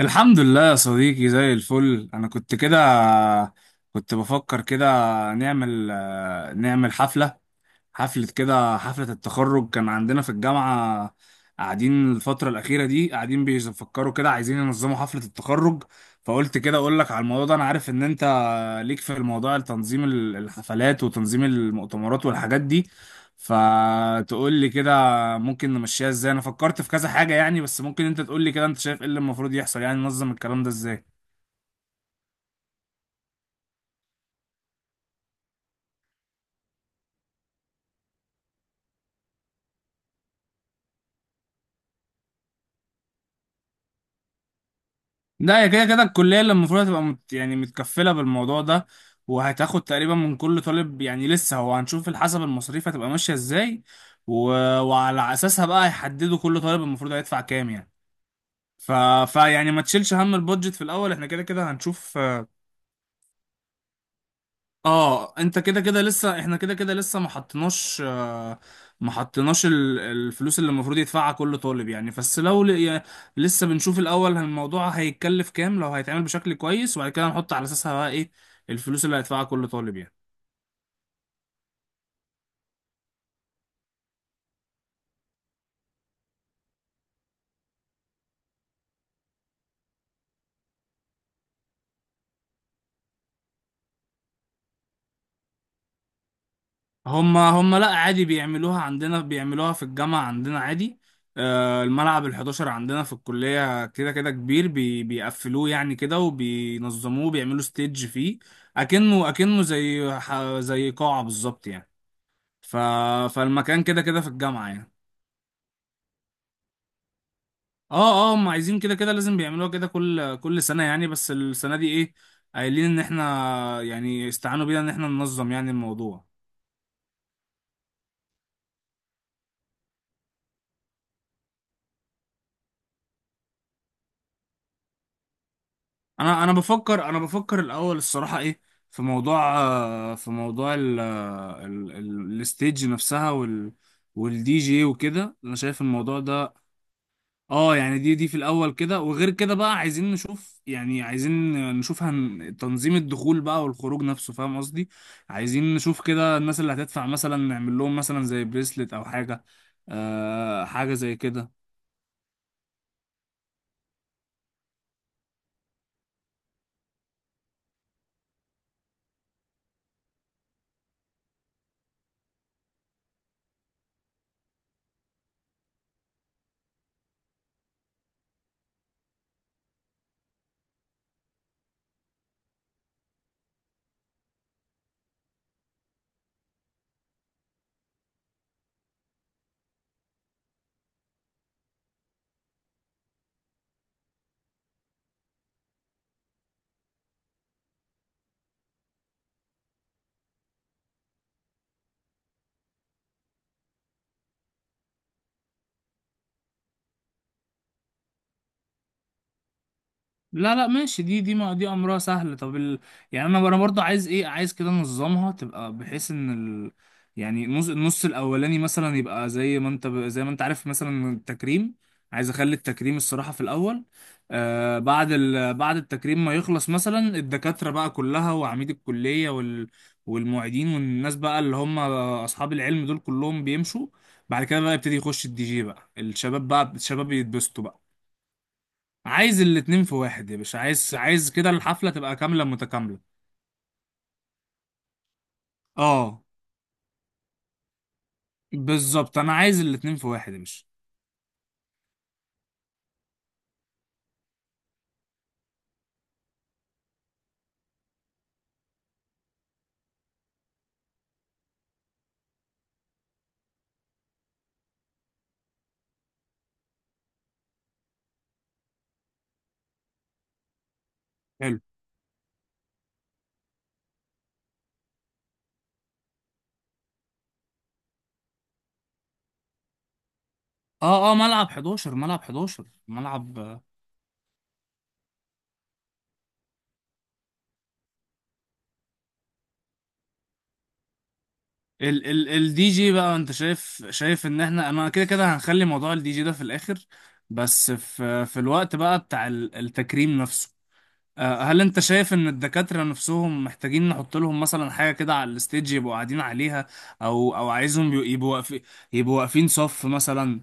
الحمد لله يا صديقي، زي الفل. انا كنت كده كنت بفكر كده، نعمل حفلة. حفلة كده حفلة التخرج كان عندنا في الجامعة. قاعدين الفترة الأخيرة دي، قاعدين بيفكروا كده، عايزين ينظموا حفلة التخرج. فقلت كده أقول لك على الموضوع ده. أنا عارف إن أنت ليك في الموضوع، تنظيم الحفلات وتنظيم المؤتمرات والحاجات دي. فتقول لي كده ممكن نمشيها ازاي. انا فكرت في كذا حاجة يعني، بس ممكن انت تقول لي كده انت شايف ايه اللي المفروض يحصل، يعني ننظم الكلام ده ازاي. لا، هي كده كده الكلية اللي المفروض هتبقى مت يعني متكفلة بالموضوع ده، وهتاخد تقريبا من كل طالب. يعني لسه، هو هنشوف حسب المصاريف هتبقى ماشية ازاي. و... وعلى اساسها بقى هيحددوا كل طالب المفروض هيدفع كام يعني. ف... فيعني ما تشيلش هم البودجت في الاول، احنا كده كده هنشوف. اه، انت كده كده لسه احنا كده كده لسه ما حطيناش الفلوس اللي المفروض يدفعها كل طالب يعني. بس لو يعني لسه بنشوف الاول الموضوع هيتكلف كام لو هيتعمل بشكل كويس، وبعد كده نحط على اساسها بقى ايه الفلوس اللي هيدفعها كل طالب يعني. هما لا عادي، بيعملوها عندنا، بيعملوها في الجامعة عندنا عادي. الملعب ال11 عندنا في الكلية كده كده كبير، بيقفلوه يعني كده وبينظموه، بيعملوا ستيج فيه. أكنه زي قاعة بالظبط يعني. ف فالمكان كده كده في الجامعة يعني. اه هم عايزين كده كده، لازم بيعملوها كده كل سنة يعني. بس السنة دي ايه، قايلين ان احنا يعني استعانوا بينا ان احنا ننظم يعني الموضوع. انا بفكر الاول الصراحه ايه، في موضوع، ال ال ال الستيج نفسها، والدي جي وكده، انا شايف الموضوع ده. اه يعني دي في الاول كده، وغير كده بقى عايزين نشوف تنظيم الدخول بقى والخروج نفسه، فاهم قصدي. عايزين نشوف كده الناس اللي هتدفع مثلا نعمل لهم مثلا زي بريسلت او حاجه. حاجه زي كده. لا لا ماشي، دي دي ما دي امرها سهل. طب يعني انا برضه عايز كده انظمها تبقى بحيث ان ال... يعني النص الاولاني مثلا يبقى، زي ما انت عارف مثلا التكريم. عايز اخلي التكريم الصراحه في الاول. بعد التكريم ما يخلص، مثلا الدكاتره بقى كلها وعميد الكليه والمعيدين والناس بقى اللي هم اصحاب العلم دول كلهم بيمشوا. بعد كده بقى يبتدي يخش الدي جي بقى الشباب يتبسطوا بقى. عايز الاتنين في واحد يا باشا، عايز كده الحفلة تبقى كاملة متكاملة. اه بالظبط، انا عايز الاتنين في واحد يا باشا. حلو. اه ملعب 11 ملعب 11 ملعب آه، ال ال الدي جي بقى، انت شايف ان احنا، انا كده كده هنخلي موضوع الدي جي ده في الاخر. بس في الوقت بقى بتاع التكريم نفسه، هل انت شايف ان الدكاترة نفسهم محتاجين نحط لهم مثلا حاجة كده على الستيج يبقوا قاعدين عليها، او عايزهم يبقوا واقفين؟ يبقوا واقفين صف مثلا.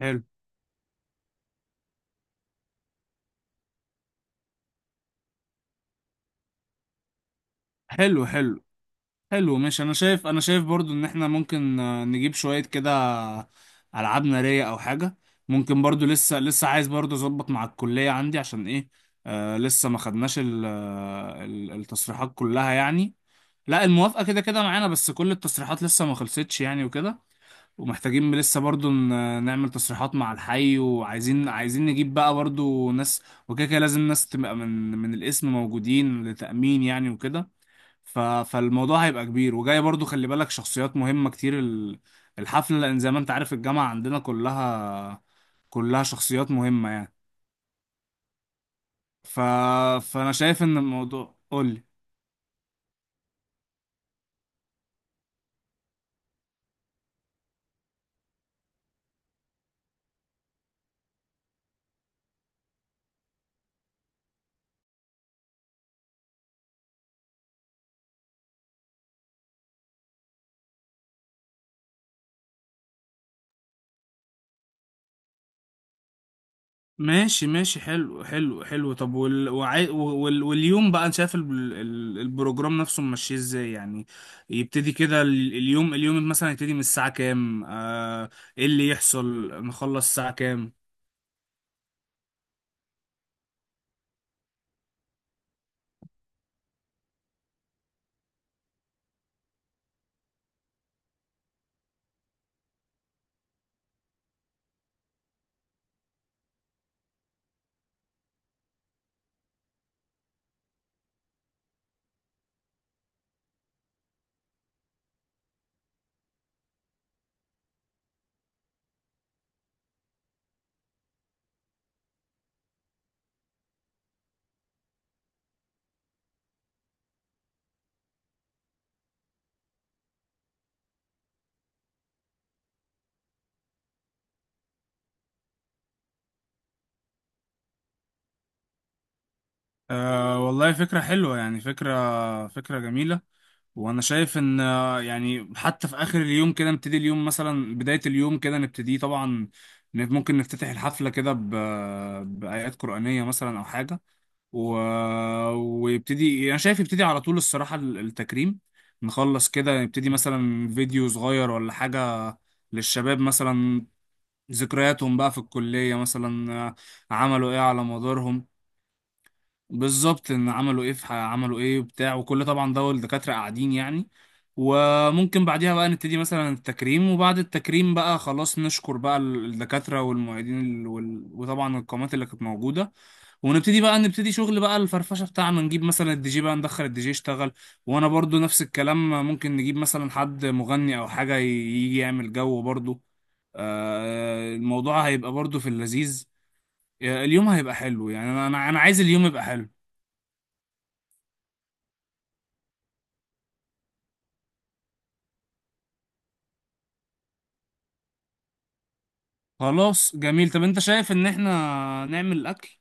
حلو. حلو حلو حلو. مش انا شايف انا شايف برضو ان احنا ممكن نجيب شوية كده العاب نارية او حاجة، ممكن. برضو لسه عايز برضو اظبط مع الكلية عندي عشان ايه، لسه ما خدناش التصريحات كلها يعني. لا الموافقة كده كده معانا، بس كل التصريحات لسه ما خلصتش يعني وكده. ومحتاجين لسه برضو نعمل تصريحات مع الحي، وعايزين نجيب بقى برضو ناس، وكده كده لازم ناس تبقى من الاسم موجودين لتأمين يعني وكده. ف... فالموضوع هيبقى كبير، وجاي برضو خلي بالك شخصيات مهمة كتير الحفلة، لأن زي ما أنت عارف الجامعة عندنا كلها شخصيات مهمة يعني. ف... فأنا شايف إن الموضوع، قولي. ماشي ماشي، حلو حلو حلو. طب واليوم بقى انا شايف البروجرام نفسه ماشي ازاي يعني. يبتدي كده اليوم مثلا، يبتدي من الساعة كام؟ ايه اللي يحصل، نخلص الساعة كام؟ أه والله فكرة حلوة، يعني فكرة جميلة. وأنا شايف إن يعني حتى في آخر اليوم كده، نبتدي اليوم مثلا، بداية اليوم كده نبتدي طبعا، ممكن نفتتح الحفلة كده بآيات قرآنية مثلا أو حاجة. و... ويبتدي، أنا شايف يبتدي على طول الصراحة التكريم، نخلص كده نبتدي مثلا فيديو صغير ولا حاجة للشباب مثلا، ذكرياتهم بقى في الكلية مثلا، عملوا إيه على مدارهم. بالظبط، ان عملوا ايه عملوا ايه وبتاع وكل، طبعا ده الدكاترة قاعدين يعني. وممكن بعديها بقى نبتدي مثلا التكريم، وبعد التكريم بقى خلاص نشكر بقى الدكاترة والمعيدين، وطبعا القامات اللي كانت موجودة. ونبتدي بقى، شغل بقى الفرفشة بتاعنا، نجيب مثلا الدي جي بقى، ندخل الدي جي يشتغل. وانا برضو نفس الكلام، ممكن نجيب مثلا حد مغني او حاجة يجي يعمل جو برضو. الموضوع هيبقى برضو في اللذيذ. اليوم هيبقى حلو يعني، انا انا أنا عايز اليوم يبقى حلو. خلاص جميل. طب انت شايف ان احنا نعمل الاكل؟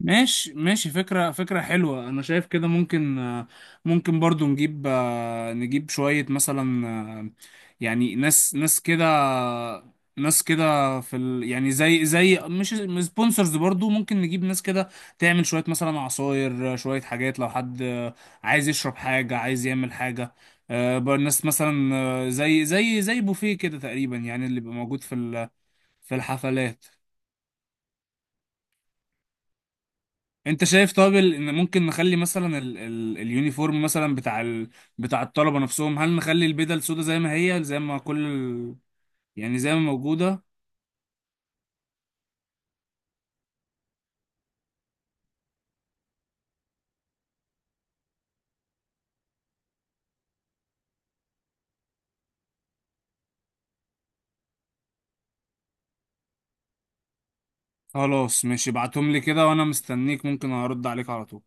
ماشي ماشي، فكرة حلوة. انا شايف كده ممكن، ممكن برضو نجيب، نجيب شوية مثلا، يعني ناس، ناس كده في يعني زي مش سبونسرز برضو، ممكن نجيب ناس كده تعمل شوية مثلا عصاير، شوية حاجات لو حد عايز يشرب حاجة، عايز يعمل حاجة. بقى الناس مثلا، زي بوفيه كده تقريبا يعني، اللي بيبقى موجود في في الحفلات. انت شايف طب ان ممكن نخلي مثلا ال ال اليونيفورم مثلا، بتاع الطلبة نفسهم، هل نخلي البدل سودا زي ما هي، زي ما كل ال يعني زي ما موجودة؟ خلاص ماشي، ابعتهم لي كده وانا مستنيك، ممكن ارد عليك على طول.